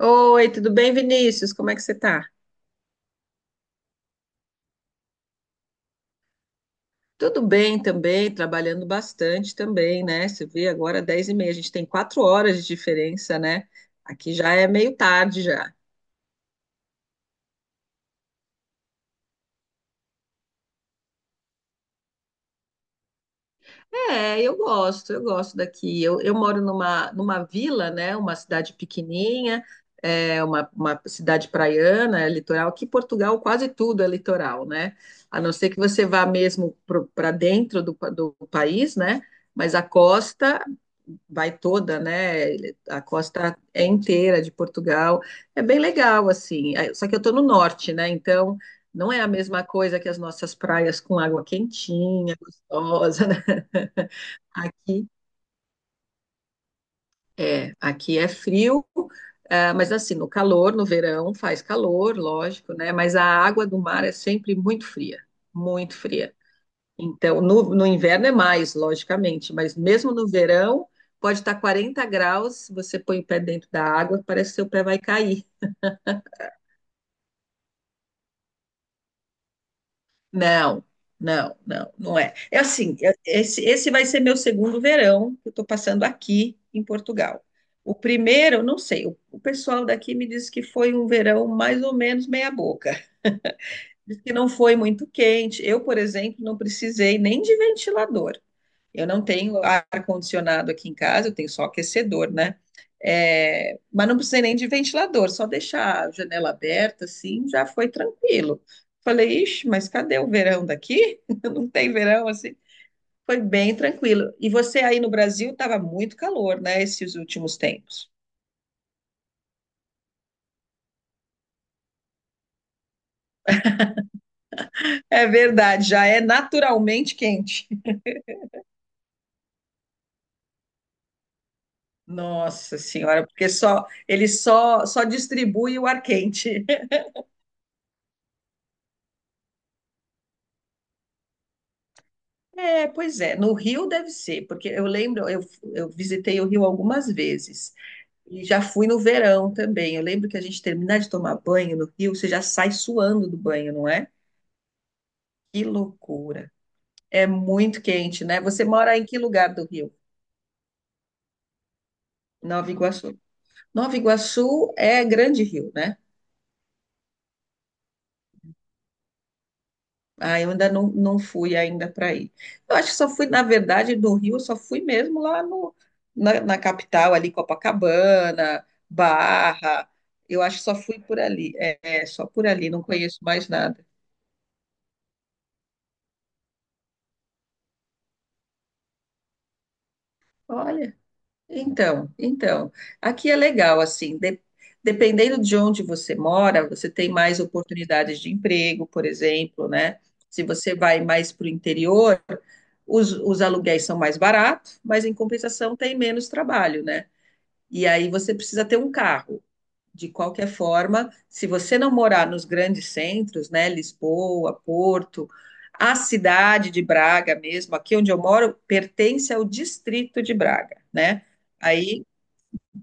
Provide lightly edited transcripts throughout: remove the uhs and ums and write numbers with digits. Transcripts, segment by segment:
Oi, tudo bem, Vinícius? Como é que você tá? Tudo bem também, trabalhando bastante também, né? Você vê agora 10 e meia, a gente tem quatro horas de diferença, né? Aqui já é meio tarde já. É, eu gosto daqui. Eu moro numa vila, né? Uma cidade pequenininha, é uma cidade praiana, é litoral. Aqui em Portugal quase tudo é litoral, né? A não ser que você vá mesmo para dentro do do país, né? Mas a costa vai toda, né? A costa é inteira de Portugal. É bem legal, assim. Aí- Só que eu estou no norte, né? Então não é a mesma coisa que as nossas praias com água quentinha, gostosa, né? Aqui aqui é frio, ah, mas assim, no calor, no verão faz calor, lógico, né? Mas a água do mar é sempre muito fria, muito fria. Então, no inverno é mais, logicamente, mas mesmo no verão pode estar 40 graus, você põe o pé dentro da água, parece que seu pé vai cair. Não, não, não é. É assim, eu- esse vai ser meu segundo verão que eu estou passando aqui em Portugal. O primeiro, não sei, o pessoal daqui me disse que foi um verão mais ou menos meia boca. Diz que não foi muito quente. Eu, por exemplo, não precisei nem de ventilador. Eu não tenho ar-condicionado aqui em casa, eu tenho só aquecedor, né? É, mas não precisei nem de ventilador, só deixar a janela aberta, assim, já foi tranquilo. Falei, ixi, mas cadê o verão daqui? Não tem verão, assim. Foi bem tranquilo. E você aí no Brasil estava muito calor, né, esses últimos tempos. É verdade, já é naturalmente quente. Nossa senhora, porque só ele só distribui o ar quente. É, pois é, no Rio deve ser, porque eu lembro, eu visitei o Rio algumas vezes e já fui no verão também. Eu lembro que a gente terminar de tomar banho no Rio, você já sai suando do banho, não é? Que loucura. É muito quente, né? Você mora em que lugar do Rio? Nova Iguaçu. Nova Iguaçu é Grande Rio, né? Ah, eu ainda não fui ainda para aí. Eu acho que só fui, na verdade, do Rio, eu só fui mesmo lá no, na, na capital, ali, Copacabana, Barra. Eu acho que só fui por ali. É, só por ali, não conheço mais nada. Olha. Então, aqui é legal, assim, de- dependendo de onde você mora, você tem mais oportunidades de emprego, por exemplo, né? Se você vai mais para o interior, os aluguéis são mais baratos, mas em compensação tem menos trabalho, né? E aí você precisa ter um carro. De qualquer forma, se você não morar nos grandes centros, né? Lisboa, Porto, a cidade de Braga mesmo, aqui onde eu moro, pertence ao distrito de Braga, né? Aí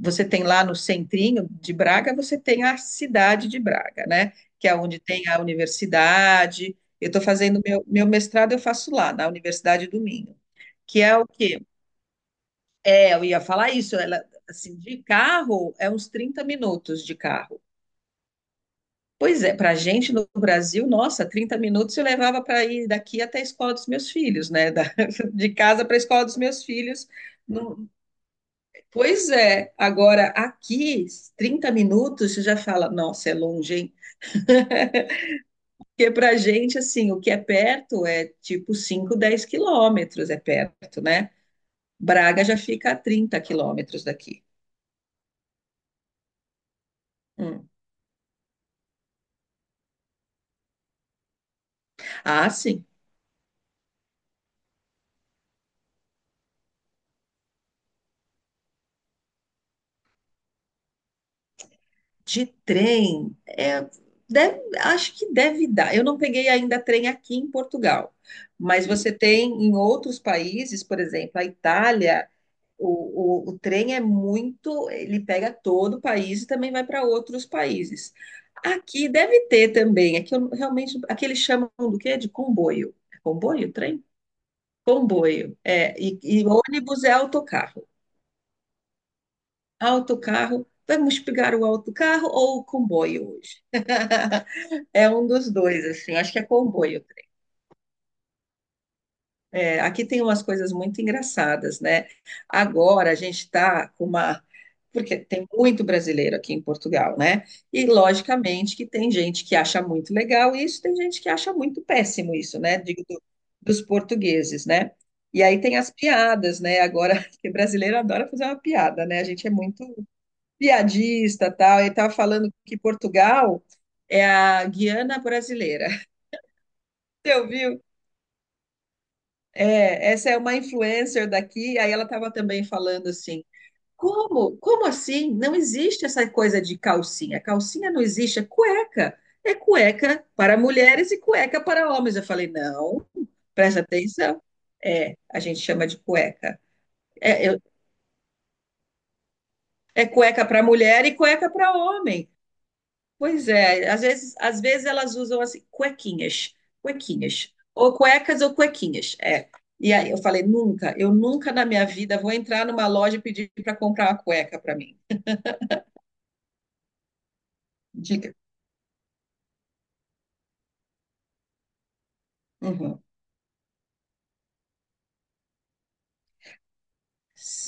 você tem lá no centrinho de Braga, você tem a cidade de Braga, né? Que é onde tem a universidade. Eu estou fazendo meu mestrado, eu faço lá, na Universidade do Minho. Que é o quê? É, eu ia falar isso, ela, assim, de carro é uns 30 minutos de carro. Pois é, para a gente no Brasil, nossa, 30 minutos eu levava para ir daqui até a escola dos meus filhos, né? Da- de casa para a escola dos meus filhos, pois é, agora aqui, 30 minutos, você já fala, nossa, é longe, hein? Porque pra gente, assim, o que é perto é tipo 5 10 quilômetros é perto, né? Braga já fica a 30 quilômetros daqui. Hum. Ah, sim, de trem, é, deve- acho que deve dar. Eu não peguei ainda trem aqui em Portugal, mas você tem em outros países, por exemplo, a Itália. O trem é muito, ele pega todo o país e também vai para outros países. Aqui deve ter também, aqui eu realmente, aqui eles chamam do quê? De comboio. É comboio, trem? Comboio. É, e ônibus é autocarro. Autocarro, vamos pegar o autocarro ou o comboio hoje? É um dos dois, assim, acho que é comboio. É, aqui tem umas coisas muito engraçadas, né? Agora a gente está com uma. Porque tem muito brasileiro aqui em Portugal, né? E logicamente que tem gente que acha muito legal isso, tem gente que acha muito péssimo isso, né? Digo, do- dos portugueses, né? E aí tem as piadas, né? Agora, que brasileiro adora fazer uma piada, né? A gente é muito piadista, tal. Ele estava falando que Portugal é a Guiana brasileira. Você ouviu. É, essa é uma influencer daqui, aí ela estava também falando assim: como? Como assim? Não existe essa coisa de calcinha. Calcinha não existe, é cueca. É cueca para mulheres e cueca para homens. Eu falei: não, presta atenção. É, a gente chama de cueca. É, eu- é cueca para mulher e cueca para homem. Pois é, às vezes elas usam assim, cuequinhas, cuequinhas, ou cuecas ou cuequinhas, é. E aí eu falei, nunca, eu nunca na minha vida vou entrar numa loja e pedir para comprar uma cueca para mim. Diga. Uhum.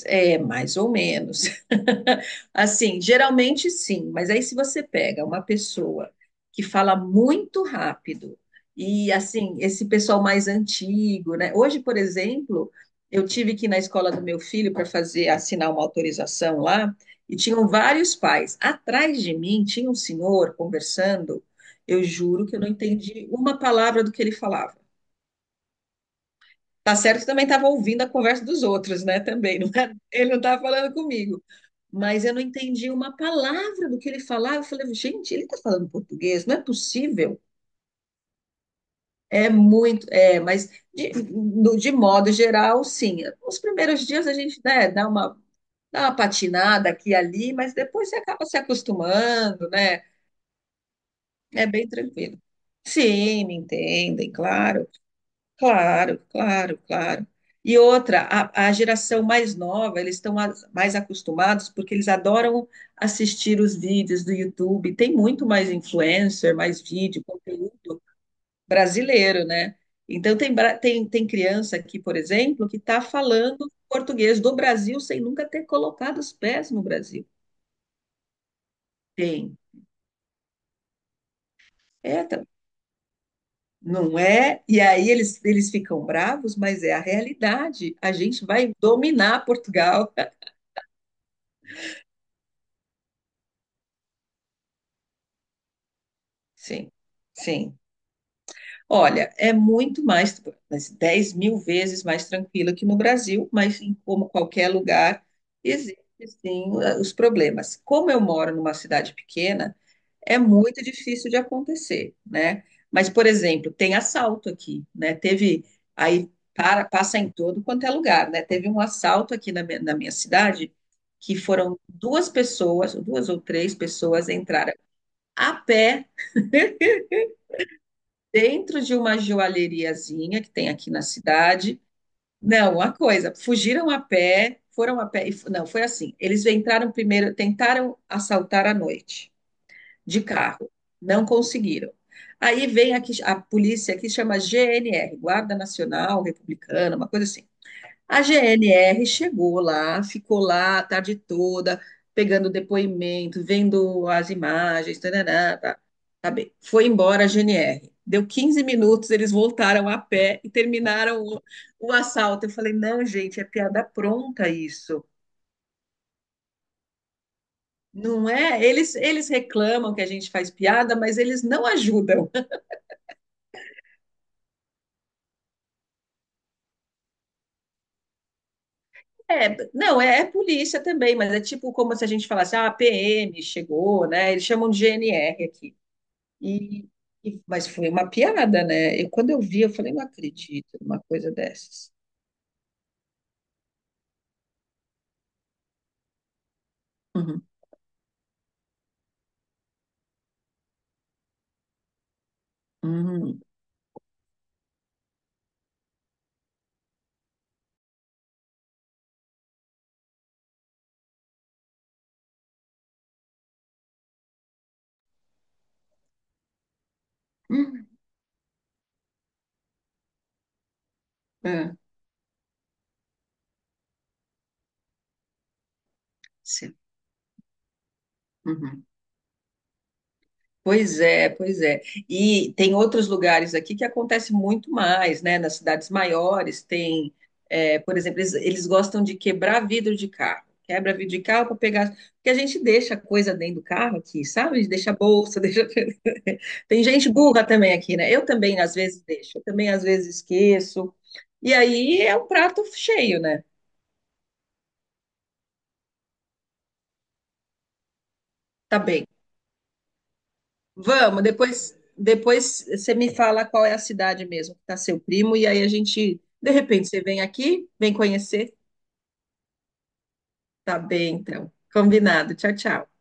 É, mais ou menos. Assim, geralmente sim, mas aí se você pega uma pessoa que fala muito rápido e assim, esse pessoal mais antigo, né? Hoje, por exemplo, eu tive que ir na escola do meu filho para fazer assinar uma autorização lá e tinham vários pais. Atrás de mim tinha um senhor conversando. Eu juro que eu não entendi uma palavra do que ele falava. Tá certo que também estava ouvindo a conversa dos outros, né? Também, não era- ele não estava falando comigo, mas eu não entendi uma palavra do que ele falava. Eu falei, gente, ele está falando português, não é possível. É muito, é, mas de, no- de modo geral, sim. Os primeiros dias a gente, né, dá uma patinada aqui e ali, mas depois você acaba se acostumando, né? É bem tranquilo. Sim, me entendem, claro. Claro, claro, claro. E outra, a geração mais nova, eles estão as- mais acostumados porque eles adoram assistir os vídeos do YouTube. Tem muito mais influencer, mais vídeo, conteúdo brasileiro, né? Então, tem, bra- tem criança aqui, por exemplo, que está falando português do Brasil sem nunca ter colocado os pés no Brasil. Tem. É, tá- não é? E aí eles ficam bravos, mas é a realidade. A gente vai dominar Portugal. Sim, sim. Olha, é muito mais, mas 10 mil vezes mais tranquilo que no Brasil, mas em como qualquer lugar, existem sim os problemas. Como eu moro numa cidade pequena, é muito difícil de acontecer, né? Mas, por exemplo, tem assalto aqui, né? Teve, aí para, passa em todo quanto é lugar, né? Teve um assalto aqui na minha cidade, que foram duas pessoas, duas ou três pessoas entraram a pé dentro de uma joalheriazinha que tem aqui na cidade. Não, uma coisa, fugiram a pé, foram a pé. E f- Não, foi assim. Eles entraram primeiro, tentaram assaltar à noite, de carro. Não conseguiram. Aí vem aqui a polícia que chama GNR, Guarda Nacional Republicana, uma coisa assim. A GNR chegou lá, ficou lá a tarde toda, pegando depoimento, vendo as imagens, tarará, tá, tá bem. Foi embora a GNR. Deu 15 minutos, eles voltaram a pé e terminaram o assalto. Eu falei, não, gente, é piada pronta isso. Não é? Eles reclamam que a gente faz piada, mas eles não ajudam. É, não, é, é polícia também, mas é tipo como se a gente falasse, ah, a PM chegou, né? Eles chamam de GNR aqui. E, mas foi uma piada, né? Eu, quando eu vi, eu falei, não acredito numa coisa dessas. Uhum, uhum, uhum, é, sim, uhum. Pois é. E tem outros lugares aqui que acontece muito mais, né? Nas cidades maiores tem, é, por exemplo, eles gostam de quebrar vidro de carro. Quebra vidro de carro para pegar. Porque a gente deixa coisa dentro do carro aqui, sabe? A gente deixa bolsa, deixa. Tem gente burra também aqui, né? Eu também às vezes deixo, eu também às vezes esqueço. E aí é um prato cheio, né? Tá bem. Vamos, depois você me fala qual é a cidade mesmo que está seu primo, e aí a gente, de repente, você vem aqui, vem conhecer. Tá bem, então. Combinado. Tchau, tchau.